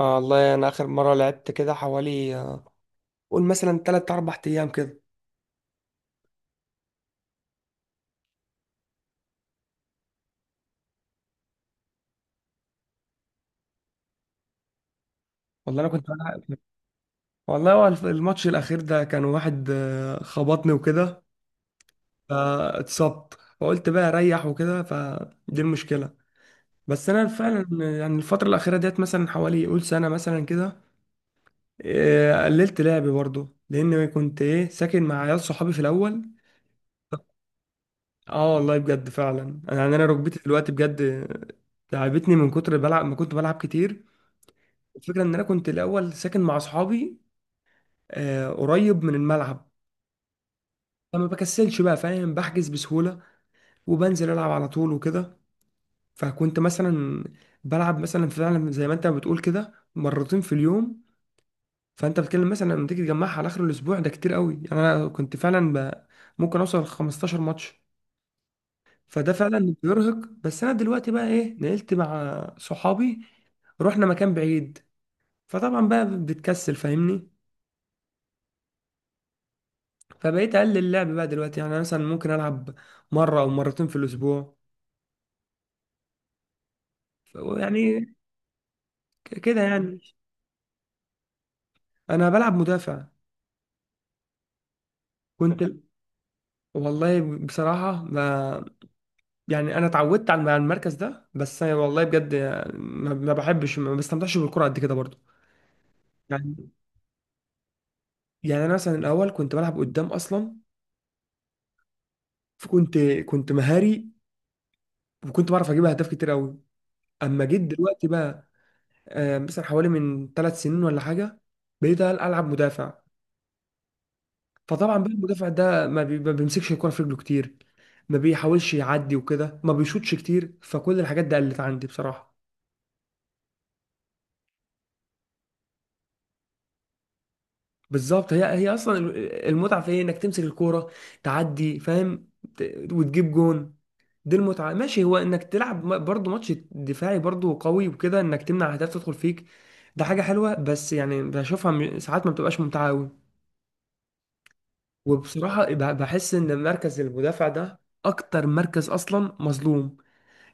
آه والله انا اخر مره لعبت كده حوالي قول مثلا 3 4 ايام كده. والله انا كنت بلعب. والله هو الماتش الاخير ده كان واحد خبطني وكده. فاتصبت. فقلت بقى اريح وكده فدي المشكله. بس انا فعلا يعني الفتره الاخيره ديت مثلا حوالي قول سنه مثلا كده، قللت لعبي برضه لان كنت ايه ساكن مع عيال صحابي في الاول. اه والله بجد فعلا يعني انا ركبتي دلوقتي بجد تعبتني من كتر بلعب ما كنت بلعب كتير. الفكرة ان انا كنت الاول ساكن مع اصحابي قريب من الملعب. فما بكسلش بقى، فاهم، بحجز بسهولة وبنزل العب على طول وكده. فكنت مثلا بلعب مثلا فعلا زي ما انت بتقول كده مرتين في اليوم. فانت بتتكلم مثلا لما تيجي تجمعها على اخر الاسبوع ده كتير قوي. يعني انا كنت فعلا ممكن اوصل ل 15 ماتش. فده فعلا بيرهق. بس انا دلوقتي بقى ايه نقلت مع صحابي. رحنا مكان بعيد، فطبعا بقى بتكسل، فاهمني؟ فبقيت اقلل اللعب بقى دلوقتي. يعني أنا مثلا ممكن العب مره او مرتين في الاسبوع. يعني كده يعني. انا بلعب مدافع. كنت والله بصراحه، ما يعني انا اتعودت على المركز ده. بس أنا والله بجد ما بحبش، ما بستمتعش بالكره قد كده برضه. يعني يعني انا مثلا الاول كنت بلعب قدام اصلا. فكنت مهاري، وكنت بعرف اجيب اهداف كتير قوي. اما جيت دلوقتي بقى مثلا حوالي من 3 سنين ولا حاجه بقيت العب مدافع. فطبعا بقى المدافع ده ما بيمسكش الكوره في رجله كتير، ما بيحاولش يعدي وكده، ما بيشوطش كتير. فكل الحاجات دي قلت عندي بصراحه. بالظبط، هي اصلا المتعه في ايه؟ انك تمسك الكوره، تعدي، فاهم، وتجيب جون. دي المتعه. ماشي، هو انك تلعب برضه ماتش دفاعي برضه قوي وكده، انك تمنع اهداف تدخل فيك. ده حاجه حلوه، بس يعني بشوفها ساعات ما بتبقاش ممتعه قوي. وبصراحه بحس ان مركز المدافع ده اكتر مركز اصلا مظلوم.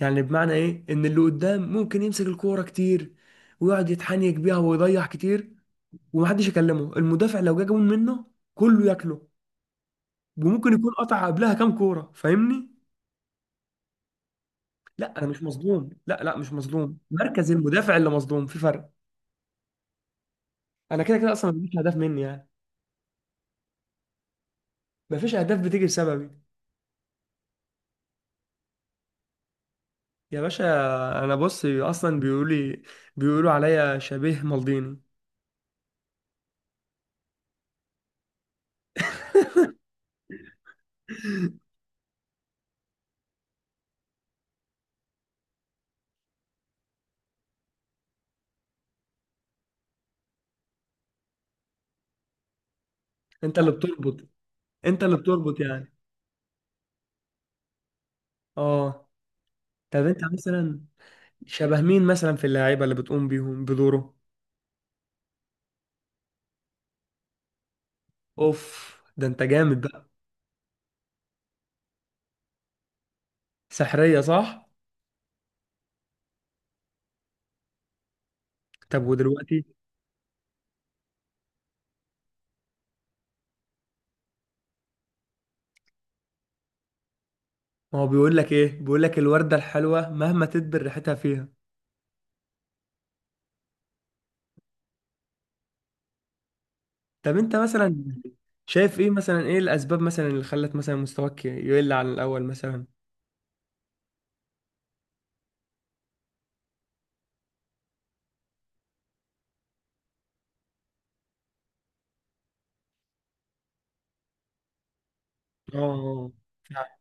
يعني بمعنى ايه؟ ان اللي قدام ممكن يمسك الكوره كتير، ويقعد يتحنيك بيها ويضيع كتير، ومحدش يكلمه. المدافع لو جه جون منه كله ياكله، وممكن يكون قطع قبلها كام كوره، فاهمني؟ لا، انا مش مظلوم، لا، لا، مش مظلوم، مركز المدافع اللي مظلوم في فرق. انا كده كده اصلا مفيش اهداف مني يعني. مفيش اهداف بتيجي بسببي. يا باشا، انا بص اصلا بيقولي، بيقولوا عليا شبيه مالديني. انت اللي بتربط، انت اللي بتربط يعني. اه. طب انت مثلا شبه مين مثلا في اللعيبة اللي بتقوم بيهم بدوره؟ اوف، ده انت جامد بقى. سحرية صح؟ طب ودلوقتي؟ ما هو بيقول لك ايه؟ بيقول لك الوردة الحلوة مهما تدبر ريحتها فيها. طب انت مثلا شايف ايه؟ مثلا ايه الاسباب مثلا اللي خلت مثلا مستواك يقل عن الاول مثلا. اه فعلا.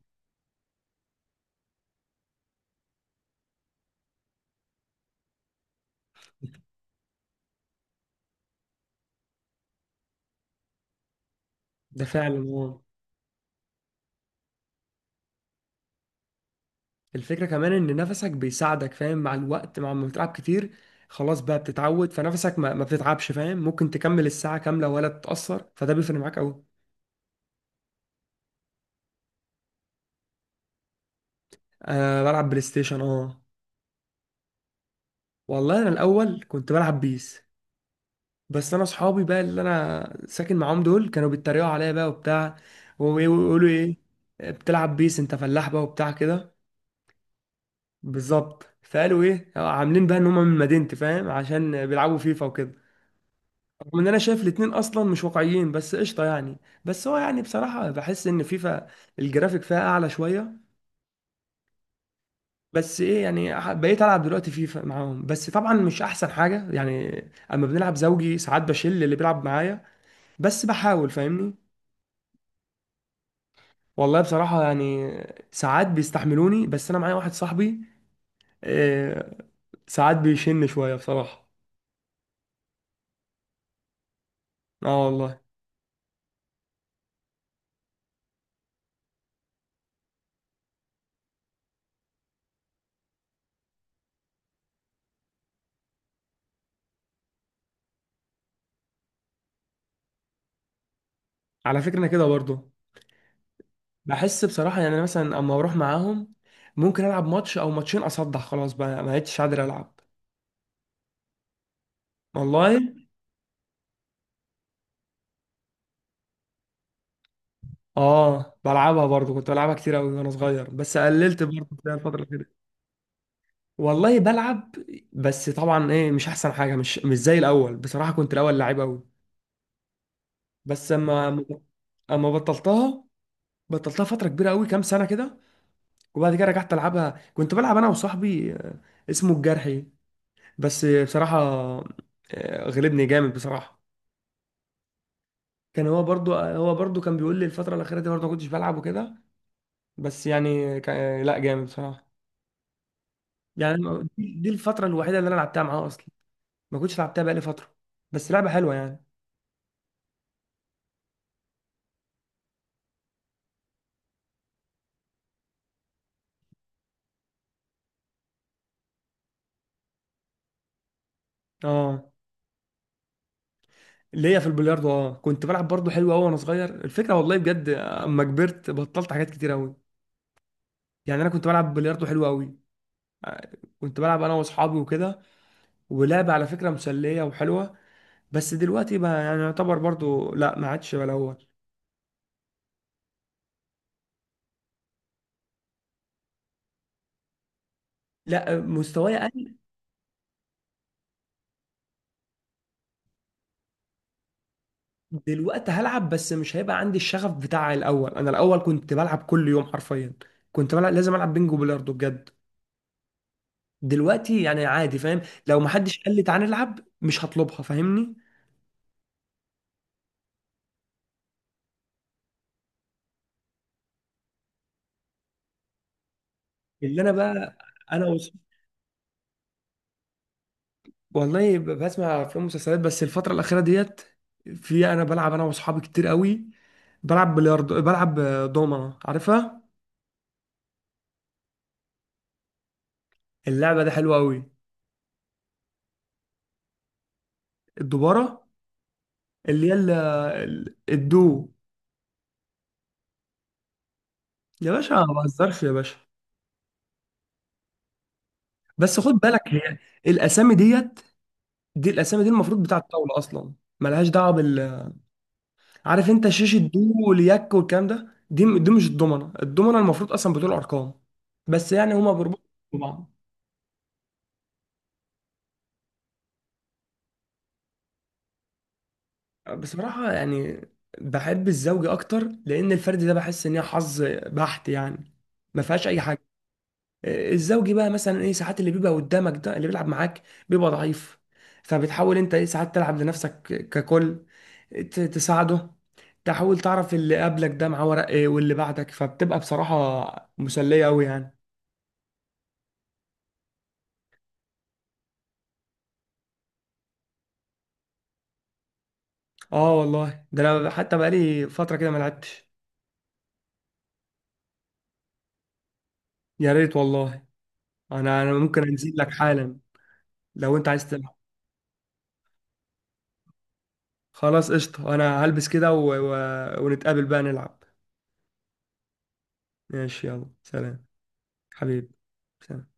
ده فعلا اه. الفكرة كمان ان نفسك بيساعدك فاهم، مع الوقت مع ما بتلعب كتير، خلاص بقى بتتعود فنفسك ما بتتعبش، فاهم؟ ممكن تكمل الساعة كاملة ولا تتأثر، فده بيفرق معاك قوي. أه بلعب بلاي ستيشن اه. والله انا الاول كنت بلعب بيس. بس انا اصحابي بقى اللي انا ساكن معاهم دول كانوا بيتريقوا عليا بقى وبتاع، ويقولوا ايه؟ بتلعب بيس انت؟ فلاح بقى وبتاع كده. بالظبط. فقالوا ايه؟ عاملين بقى ان هم من مدينتي فاهم، عشان بيلعبوا فيفا وكده. رغم ان انا شايف الاتنين اصلا مش واقعيين، بس قشطه يعني. بس هو يعني بصراحه بحس ان فيفا الجرافيك فيها اعلى شويه. بس ايه يعني بقيت العب دلوقتي فيفا معاهم، بس طبعا مش احسن حاجه يعني. اما بنلعب زوجي ساعات بشيل اللي بيلعب معايا، بس بحاول، فاهمني؟ والله بصراحه يعني ساعات بيستحملوني، بس انا معايا واحد صاحبي آه، ساعات بيشن شويه بصراحه. اه والله. على فكره انا كده برضه، بحس بصراحه يعني أنا مثلا اما اروح معاهم، ممكن العب ماتش او ماتشين اصدع، خلاص بقى ما بقتش قادر العب. والله اه بلعبها برضه. كنت بلعبها كتير قوي وانا صغير، بس قللت برضه في الفتره. والله بلعب، بس طبعا ايه مش احسن حاجه. مش زي الاول بصراحه، كنت الاول لعيب قوي. بس اما بطلتها. بطلتها فتره كبيره قوي كام سنه كده. وبعد كده رجعت العبها. كنت بلعب انا وصاحبي اسمه الجرحي. بس بصراحه غلبني جامد بصراحه. كان هو برضو آه، هو برضو كان بيقول لي الفتره الاخيره دي برضو ما كنتش بلعب وكده. بس يعني لا جامد بصراحه. يعني دي الفتره الوحيده اللي انا لعبتها معاه اصلا. ما كنتش لعبتها بقالي فتره. بس لعبه حلوه يعني. اه. ليا في البلياردو اه. كنت بلعب برضه حلو قوي وانا صغير. الفكره والله بجد اما كبرت بطلت حاجات كتير قوي. يعني انا كنت بلعب بلياردو حلو قوي. كنت بلعب انا واصحابي وكده. ولعبه على فكره مسليه وحلوه. بس دلوقتي بقى يعني يعتبر برضه، لا، ما عادش بقى الاول. لا، مستواي قل. دلوقتي هلعب بس مش هيبقى عندي الشغف بتاع الاول. انا الاول كنت بلعب كل يوم حرفيا. كنت بلعب، لازم العب بينجو بلياردو بجد. دلوقتي يعني عادي، فاهم؟ لو محدش قال لي تعالى نلعب مش هطلبها، فاهمني؟ اللي انا بقى انا والله بسمع افلام ومسلسلات، بس الفتره الاخيره ديت في انا بلعب انا واصحابي كتير قوي. بلعب بلياردو، بلعب دومنه، عارفها؟ اللعبه دي حلوه قوي. الدوباره اللي هي الدو. يا باشا ما بهزرش يا باشا. بس خد بالك، هي الاسامي ديت، دي الاسامي دي المفروض بتاعه الطاوله اصلا. ملهاش دعوه بال، عارف انت شاشه دو واليك والكلام ده، دي مش الضمنه. الضمنه المفروض اصلا بتقول ارقام. بس يعني هما بيربطوا ببعض. بصراحة يعني بحب الزوجي أكتر، لأن الفرد ده بحس إن هي حظ بحت يعني، ما فيهاش أي حاجة. الزوجي بقى مثلا إيه؟ ساعات اللي بيبقى قدامك ده اللي بيلعب معاك بيبقى ضعيف، فبتحاول أنت إيه ساعات تلعب لنفسك ككل، تساعده، تحاول تعرف اللي قبلك ده معاه ورق إيه، واللي بعدك، فبتبقى بصراحة مسلية أوي يعني. آه والله، ده أنا حتى بقالي فترة كده ما لعبتش. يا ريت والله. أنا ممكن أنزل لك حالا لو أنت عايز تلعب. خلاص قشطة، انا هلبس كده ونتقابل بقى نلعب. ماشي، يلا، سلام حبيبي، سلام.